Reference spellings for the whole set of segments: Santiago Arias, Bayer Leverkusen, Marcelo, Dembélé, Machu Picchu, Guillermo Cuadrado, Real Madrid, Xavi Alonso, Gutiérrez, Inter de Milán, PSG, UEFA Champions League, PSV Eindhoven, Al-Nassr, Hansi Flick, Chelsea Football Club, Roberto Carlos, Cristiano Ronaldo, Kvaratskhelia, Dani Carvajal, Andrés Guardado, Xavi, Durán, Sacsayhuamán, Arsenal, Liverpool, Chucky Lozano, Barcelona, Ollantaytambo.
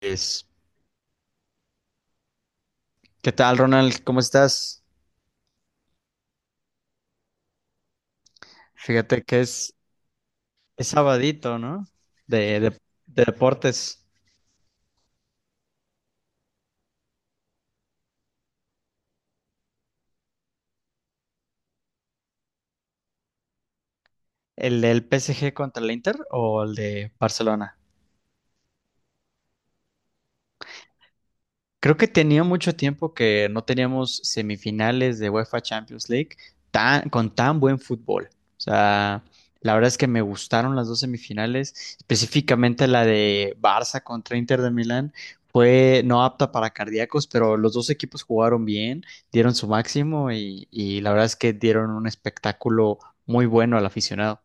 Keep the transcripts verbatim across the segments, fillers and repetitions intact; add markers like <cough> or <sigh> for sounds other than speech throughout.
Es- ¿Qué tal, Ronald? ¿Cómo estás? Fíjate que es, es sabadito, ¿no? De, de- de deportes. ¿El del P S G contra el Inter o el de Barcelona? Creo que tenía mucho tiempo que no teníamos semifinales de UEFA Champions League tan, con tan buen fútbol. O sea, la verdad es que me gustaron las dos semifinales, específicamente la de Barça contra Inter de Milán. Fue no apta para cardíacos, pero los dos equipos jugaron bien, dieron su máximo y, y la verdad es que dieron un espectáculo muy bueno al aficionado.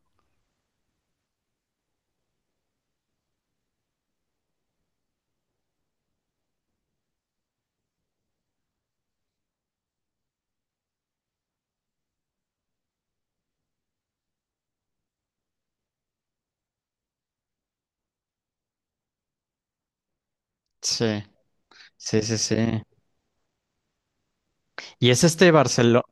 Sí, sí, sí, sí. Y es este Barcelona.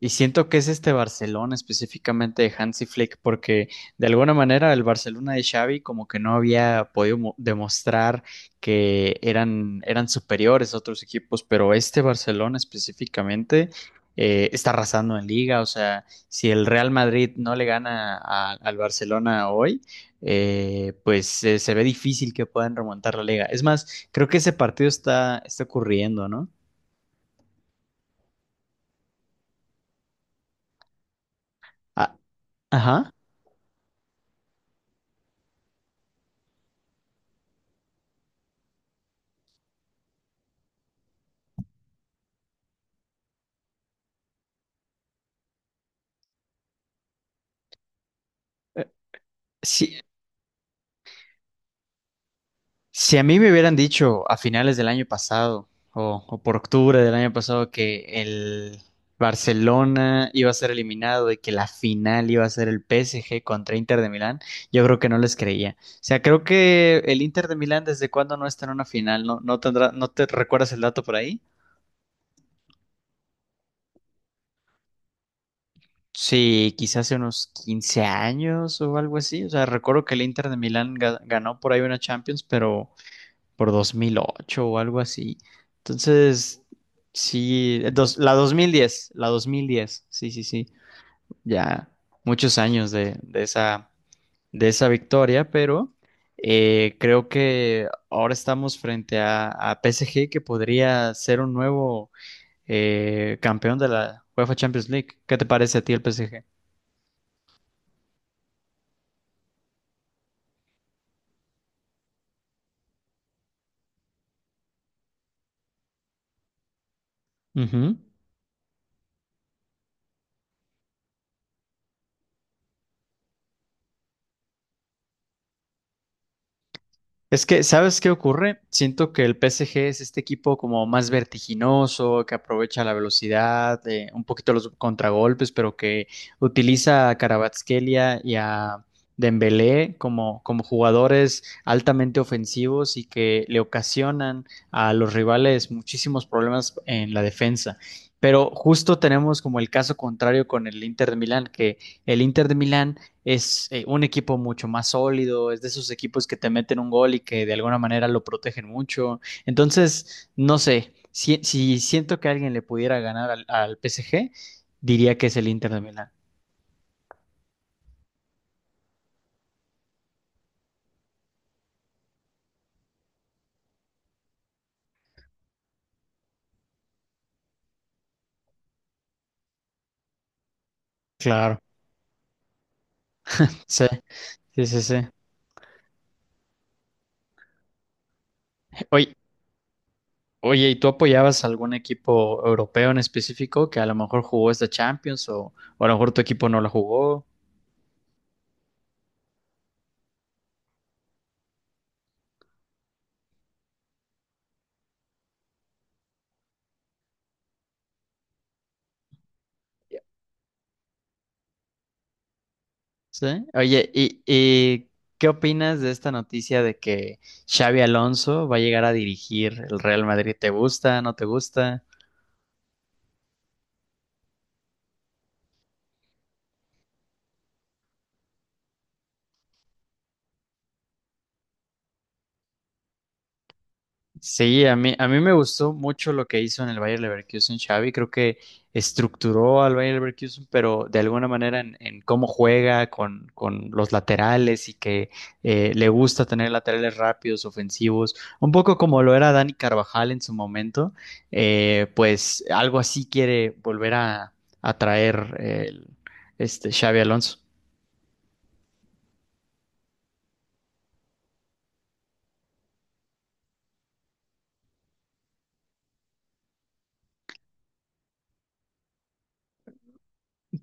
Y siento que es este Barcelona específicamente de Hansi Flick, porque de alguna manera el Barcelona de Xavi como que no había podido mo- demostrar que eran, eran superiores a otros equipos, pero este Barcelona específicamente eh, está arrasando en liga, o sea, si el Real Madrid no le gana a- al Barcelona hoy, eh, pues eh, se ve difícil que puedan remontar la liga. Es más, creo que ese partido está, está ocurriendo, ¿no? Ah, ajá. Eh, Sí, Si a mí me hubieran dicho a finales del año pasado o, o por octubre del año pasado que el Barcelona iba a ser eliminado y que la final iba a ser el P S G contra Inter de Milán, yo creo que no les creía. O sea, creo que el Inter de Milán desde cuándo no está en una final, ¿no, no tendrá, no te recuerdas el dato por ahí? Sí, quizás hace unos quince años o algo así. O sea, recuerdo que el Inter de Milán ga- ganó por ahí una Champions, pero por dos mil ocho o algo así. Entonces, sí, eh, dos- la dos mil diez, la dos mil diez, sí, sí, sí, ya muchos años de, de esa, de esa victoria, pero eh, creo que ahora estamos frente a, a P S G que podría ser un nuevo eh, campeón de la UEFA Champions League. ¿Qué te parece a ti el P S G? Ujú. Es que, ¿sabes qué ocurre? Siento que el P S G es este equipo como más vertiginoso, que aprovecha la velocidad, eh, un poquito los contragolpes, pero que utiliza a Kvaratskhelia y a Dembélé como, como jugadores altamente ofensivos y que le ocasionan a los rivales muchísimos problemas en la defensa. Pero justo tenemos como el caso contrario con el Inter de Milán, que el Inter de Milán es eh, un equipo mucho más sólido, es de esos equipos que te meten un gol y que de alguna manera lo protegen mucho. Entonces, no sé, si, si siento que alguien le pudiera ganar al, al P S G, diría que es el Inter de Milán. Claro. Sí, sí, sí, sí. Oye, oye, ¿y tú apoyabas algún equipo europeo en específico que a lo mejor jugó esta Champions o, o a lo mejor tu equipo no la jugó? Sí. Oye, ¿y, ¿y qué opinas de esta noticia de que Xavi Alonso va a llegar a dirigir el Real Madrid? ¿Te gusta? ¿No te gusta? Sí, a mí, a mí me gustó mucho lo que hizo en el Bayer Leverkusen Xavi. Creo que estructuró al Bayer Leverkusen, pero de alguna manera en, en cómo juega con, con los laterales y que eh, le gusta tener laterales rápidos, ofensivos, un poco como lo era Dani Carvajal en su momento. Eh, pues algo así quiere volver a, a traer el- este Xavi Alonso.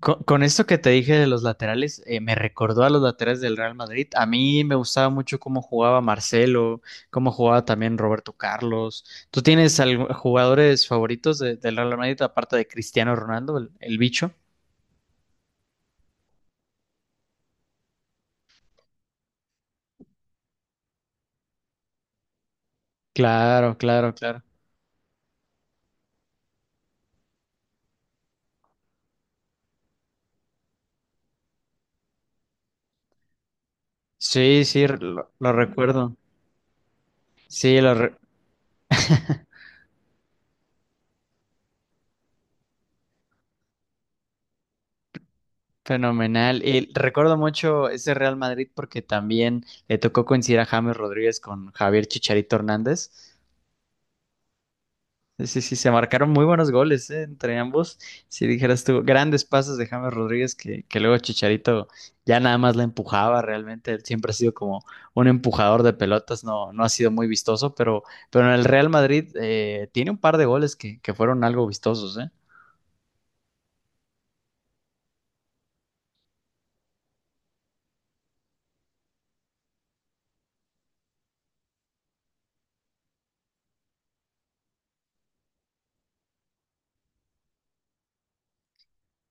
Con, con esto que te dije de los laterales, eh, me recordó a los laterales del Real Madrid. A mí me gustaba mucho cómo jugaba Marcelo, cómo jugaba también Roberto Carlos. ¿Tú tienes algo- jugadores favoritos de- del Real Madrid aparte de Cristiano Ronaldo, el, el bicho? Claro, claro, claro. Sí, sí, r- lo, lo recuerdo. Sí, lo re- fenomenal. Y recuerdo mucho ese Real Madrid porque también le tocó coincidir a James Rodríguez con Javier Chicharito Hernández. Sí, sí, sí, se marcaron muy buenos goles, eh, entre ambos. Si dijeras tú, grandes pases de James Rodríguez que, que luego Chicharito ya nada más la empujaba realmente. Él siempre ha sido como un empujador de pelotas, no, no ha sido muy vistoso, pero, pero en el Real Madrid eh, tiene un par de goles que, que fueron algo vistosos, ¿eh?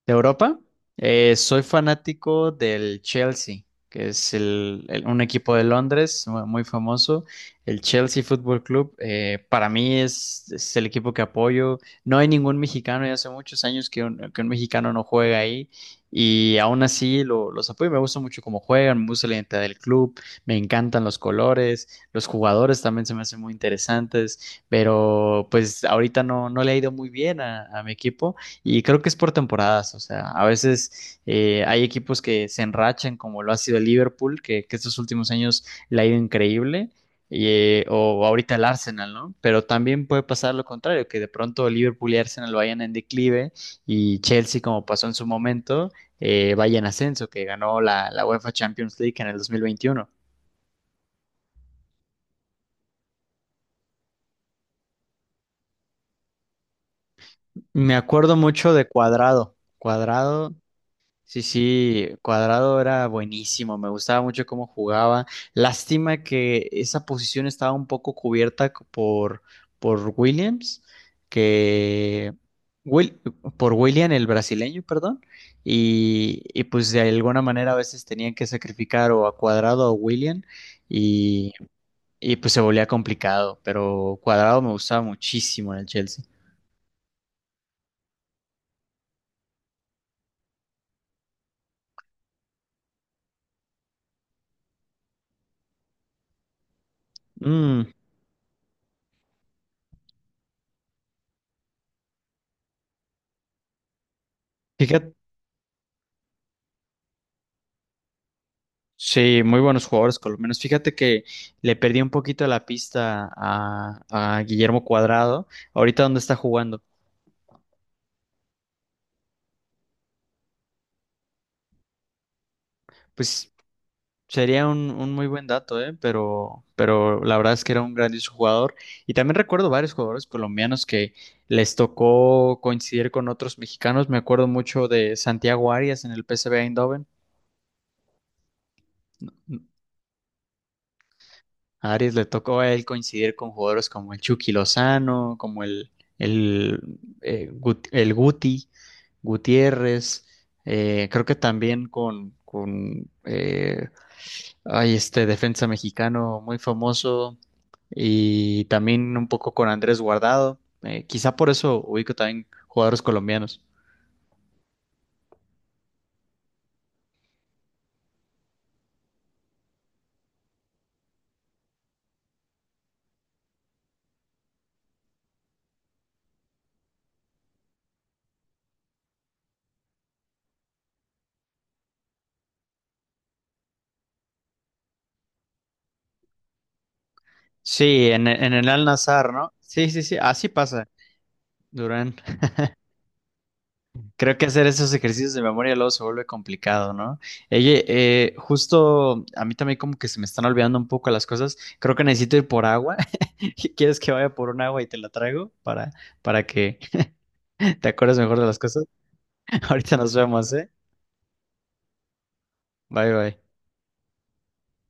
De Europa, eh, soy fanático del Chelsea, que es el- el- un equipo de Londres mu- muy famoso. El Chelsea Football Club, eh, para mí es, es el equipo que apoyo. No hay ningún mexicano, ya hace muchos años que un, que un mexicano no juega ahí y aún así lo- los apoyo. Me gusta mucho cómo juegan, me gusta la identidad del club, me encantan los colores, los jugadores también se me hacen muy interesantes, pero pues ahorita no, no le ha ido muy bien a a mi equipo. Y creo que es por temporadas, o sea, a veces eh, hay equipos que se enrachan, como lo ha sido el Liverpool, que, que estos últimos años le ha ido increíble, y, eh, o ahorita el Arsenal, ¿no? Pero también puede pasar lo contrario, que de pronto el Liverpool y Arsenal vayan en declive y Chelsea, como pasó en su momento, eh, vaya en ascenso, que ganó la, la UEFA Champions League en el dos mil veintiuno. Me acuerdo mucho de Cuadrado. Cuadrado sí, sí, Cuadrado era buenísimo, me gustaba mucho cómo jugaba. Lástima que esa posición estaba un poco cubierta c- por, por Williams, que Wil- por William el brasileño, perdón, y, y pues de alguna manera a veces tenían que sacrificar o a Cuadrado o a William y, y pues se volvía complicado, pero Cuadrado me gustaba muchísimo en el Chelsea. Mm, Fíjate Sí, muy buenos jugadores colombianos. Fíjate que le perdí un poquito la pista a, a Guillermo Cuadrado. Ahorita dónde está jugando. Pues sería un, un muy buen dato, ¿eh? Pero, pero la verdad es que era un grandioso jugador. Y también recuerdo varios jugadores colombianos que les tocó coincidir con otros mexicanos. Me acuerdo mucho de Santiago Arias en el P S V Eindhoven. A Aries le tocó a él coincidir con jugadores como el Chucky Lozano, como el, el, eh, Gut- el Guti, Gutiérrez, eh, creo que también con, con eh, ay, este defensa mexicano muy famoso y también un poco con Andrés Guardado. Eh, quizá por eso ubico también jugadores colombianos. Sí, en, en el Al-Nassr, ¿no? Sí, sí, sí, así pasa, Durán. Creo que hacer esos ejercicios de memoria luego se vuelve complicado, ¿no? Oye, eh, justo a mí también como que se me están olvidando un poco las cosas. Creo que necesito ir por agua. <laughs> ¿Quieres que vaya por un agua y te la traigo para, para que <laughs> te acuerdes mejor de las cosas? <laughs> Ahorita nos vemos, ¿eh? Bye, bye.